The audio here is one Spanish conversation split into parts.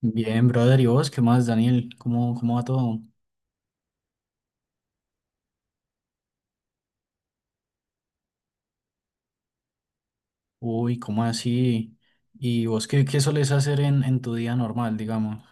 Bien, brother, ¿y vos qué más, Daniel? ¿Cómo va todo? Uy, ¿cómo así? ¿Y vos qué, qué solés hacer en tu día normal, digamos?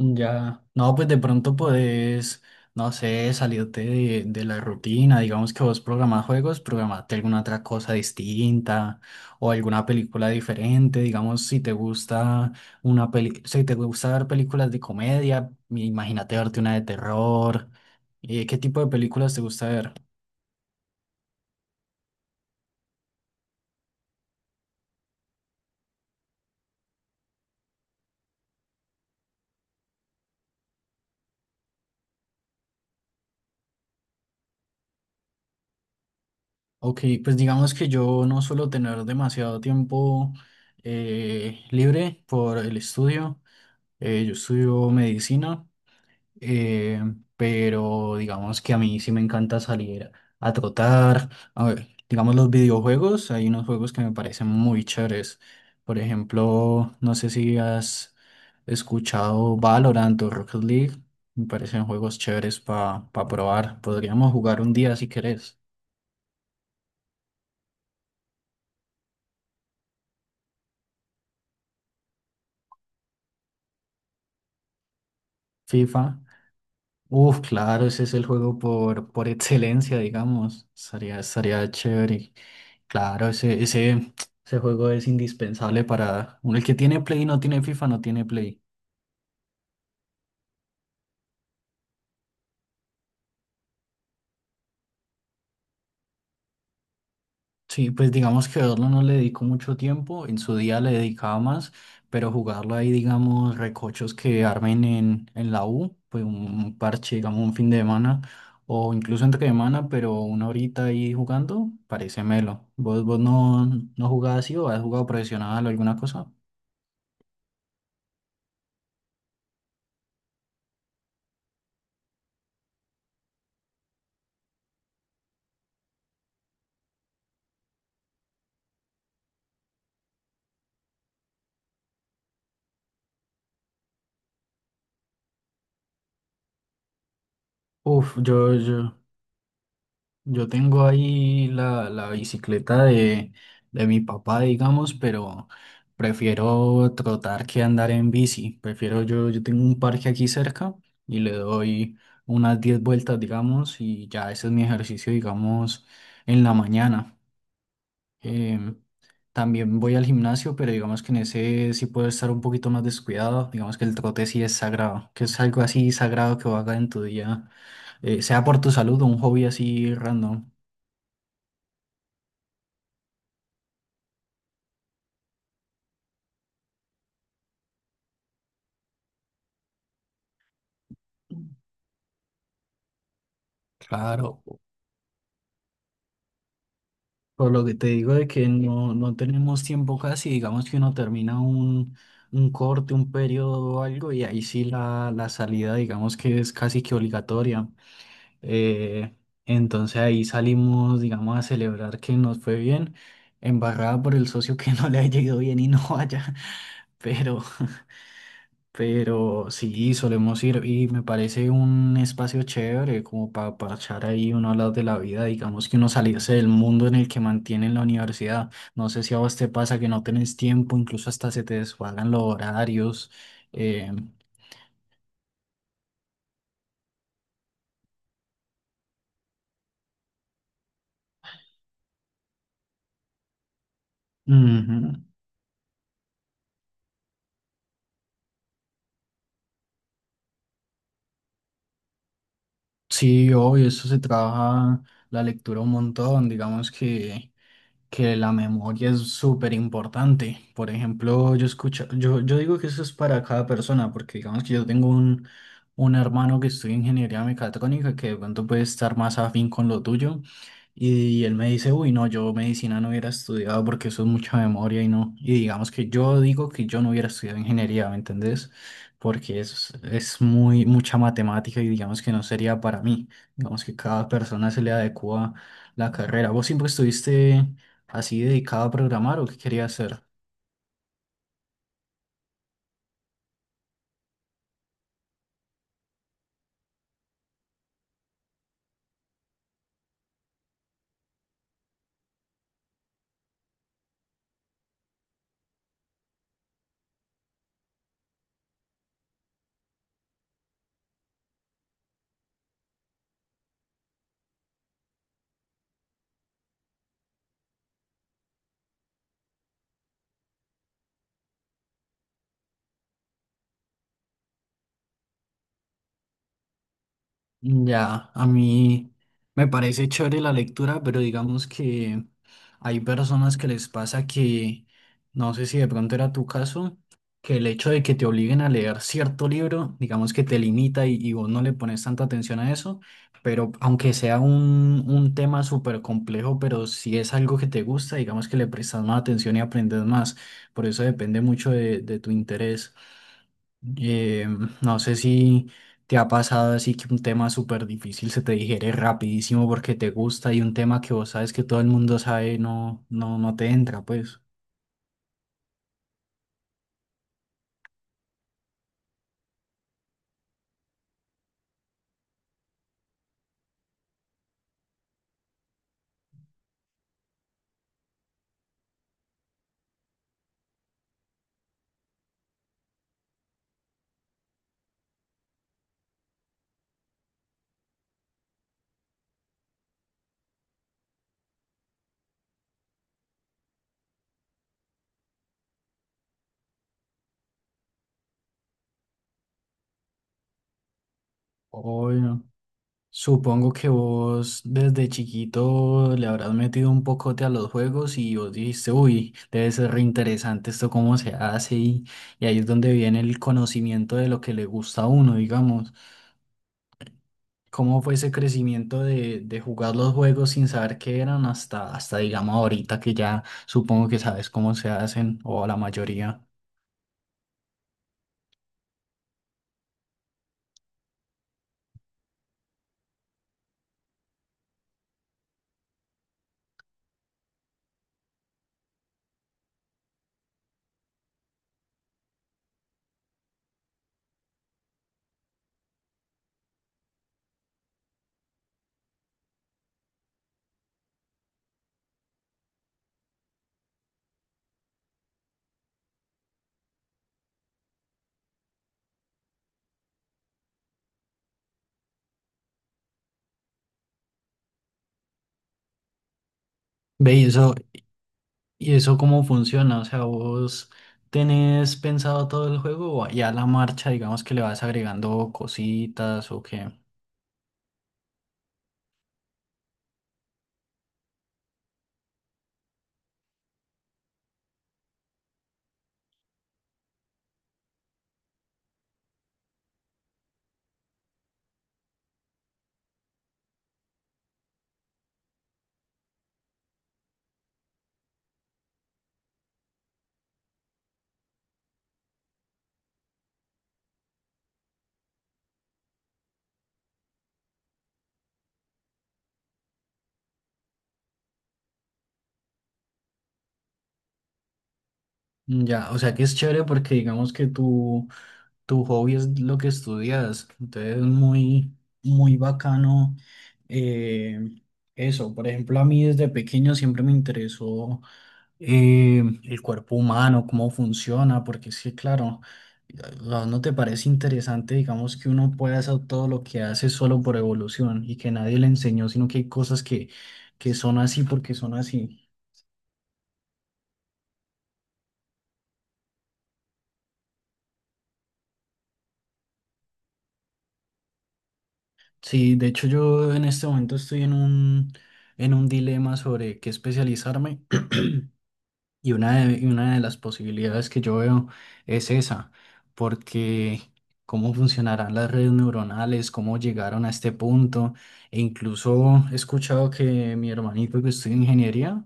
Ya, no, pues de pronto podés, no sé, salirte de la rutina, digamos que vos programás juegos, programate alguna otra cosa distinta o alguna película diferente, digamos, si te gusta una peli, si te gusta ver películas de comedia, imagínate verte una de terror, ¿qué tipo de películas te gusta ver? Ok, pues digamos que yo no suelo tener demasiado tiempo libre por el estudio. Yo estudio medicina, eh, pero digamos que a mí sí me encanta salir a trotar. A ver, digamos los videojuegos, hay unos juegos que me parecen muy chéveres. Por ejemplo, no sé si has escuchado Valorant o Rocket League. Me parecen juegos chéveres para probar. Podríamos jugar un día si querés. FIFA. Uf, claro, ese es el juego por excelencia, digamos. Estaría chévere. Claro, ese juego es indispensable para uno. El que tiene Play y no tiene FIFA, no tiene Play. Sí, pues digamos que verlo no le dedico mucho tiempo, en su día le dedicaba más, pero jugarlo ahí, digamos, recochos que armen en la U, pues un parche, digamos, un fin de semana, o incluso entre semana, pero una horita ahí jugando, parece melo. ¿Vos, vos no, no jugás así o has jugado profesional o alguna cosa? Uf, yo tengo ahí la bicicleta de mi papá, digamos, pero prefiero trotar que andar en bici. Prefiero yo, yo tengo un parque aquí cerca y le doy unas 10 vueltas, digamos, y ya ese es mi ejercicio, digamos, en la mañana. Em, También voy al gimnasio, pero digamos que en ese sí puedo estar un poquito más descuidado. Digamos que el trote sí es sagrado, que es algo así sagrado que hagas en tu día, sea por tu salud o un hobby así random. Claro, por lo que te digo de que no, no tenemos tiempo casi, digamos que uno termina un corte, un periodo o algo, y ahí sí la salida, digamos que es casi que obligatoria. Eh, entonces ahí salimos, digamos, a celebrar que nos fue bien, embarrada por el socio que no le haya ido bien y no vaya, pero, Pero sí, solemos ir y me parece un espacio chévere como para parchar ahí uno hablar de la vida, digamos que uno salirse del mundo en el que mantienen la universidad. No sé si a vos te pasa que no tenés tiempo, incluso hasta se te desfagan los horarios. eh, Ujú. Sí, obvio, eso se trabaja la lectura un montón, digamos que la memoria es súper importante. Por ejemplo, yo escucho, yo digo que eso es para cada persona, porque digamos que yo tengo un hermano que estudia ingeniería mecatrónica, que de pronto puede estar más afín con lo tuyo, y, él me dice, uy, no, yo medicina no hubiera estudiado porque eso es mucha memoria y no. Y digamos que yo digo que yo no hubiera estudiado ingeniería, ¿me entendés? Porque es muy, mucha matemática y digamos que no sería para mí. Digamos que cada persona se le adecua la carrera. ¿Vos siempre estuviste así dedicado a programar o qué quería hacer? Ya, a mí me parece chévere la lectura, pero digamos que hay personas que les pasa que, no sé si de pronto era tu caso, que el hecho de que te obliguen a leer cierto libro, digamos que te limita y vos no le pones tanta atención a eso, pero aunque sea un tema súper complejo, pero si es algo que te gusta, digamos que le prestas más atención y aprendes más, por eso depende mucho de tu interés. Eh, no sé si te ha pasado así que un tema súper difícil se te digiere rapidísimo porque te gusta y un tema que vos sabes que todo el mundo sabe no, no, no te entra, pues. Obvio. Supongo que vos desde chiquito le habrás metido un pocote a los juegos y vos dijiste, uy, debe ser re interesante esto cómo se hace y ahí es donde viene el conocimiento de lo que le gusta a uno, digamos. ¿Cómo fue ese crecimiento de jugar los juegos sin saber qué eran hasta, hasta digamos ahorita que ya supongo que sabes cómo se hacen o la mayoría? Ve, y eso cómo funciona, o sea, vos tenés pensado todo el juego o ya a la marcha, digamos que le vas agregando cositas o qué. Ya, o sea que es chévere porque digamos que tú tu hobby es lo que estudias. Entonces es muy, muy bacano eh, eso. Por ejemplo, a mí desde pequeño siempre me interesó el cuerpo humano, cómo funciona, porque es que, claro, ¿ no te parece interesante, digamos, que uno pueda hacer todo lo que hace solo por evolución y que nadie le enseñó, sino que hay cosas que son así porque son así? Sí, de hecho yo en este momento estoy en un dilema sobre qué especializarme. Y una de las posibilidades que yo veo es esa, porque cómo funcionarán las redes neuronales, cómo llegaron a este punto, e incluso he escuchado que mi hermanito que estudia ingeniería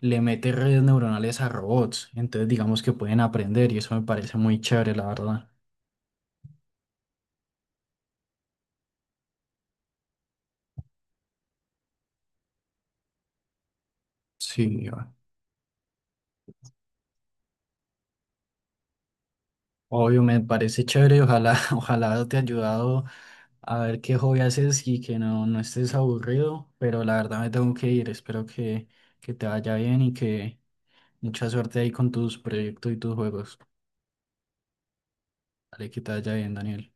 le mete redes neuronales a robots, entonces digamos que pueden aprender y eso me parece muy chévere, la verdad. Sí, obvio, me parece chévere. Ojalá, ojalá te haya ayudado a ver qué hobby haces y que no, no estés aburrido. Pero la verdad me tengo que ir. Espero que te vaya bien y que mucha suerte ahí con tus proyectos y tus juegos. Dale, que te vaya bien, Daniel.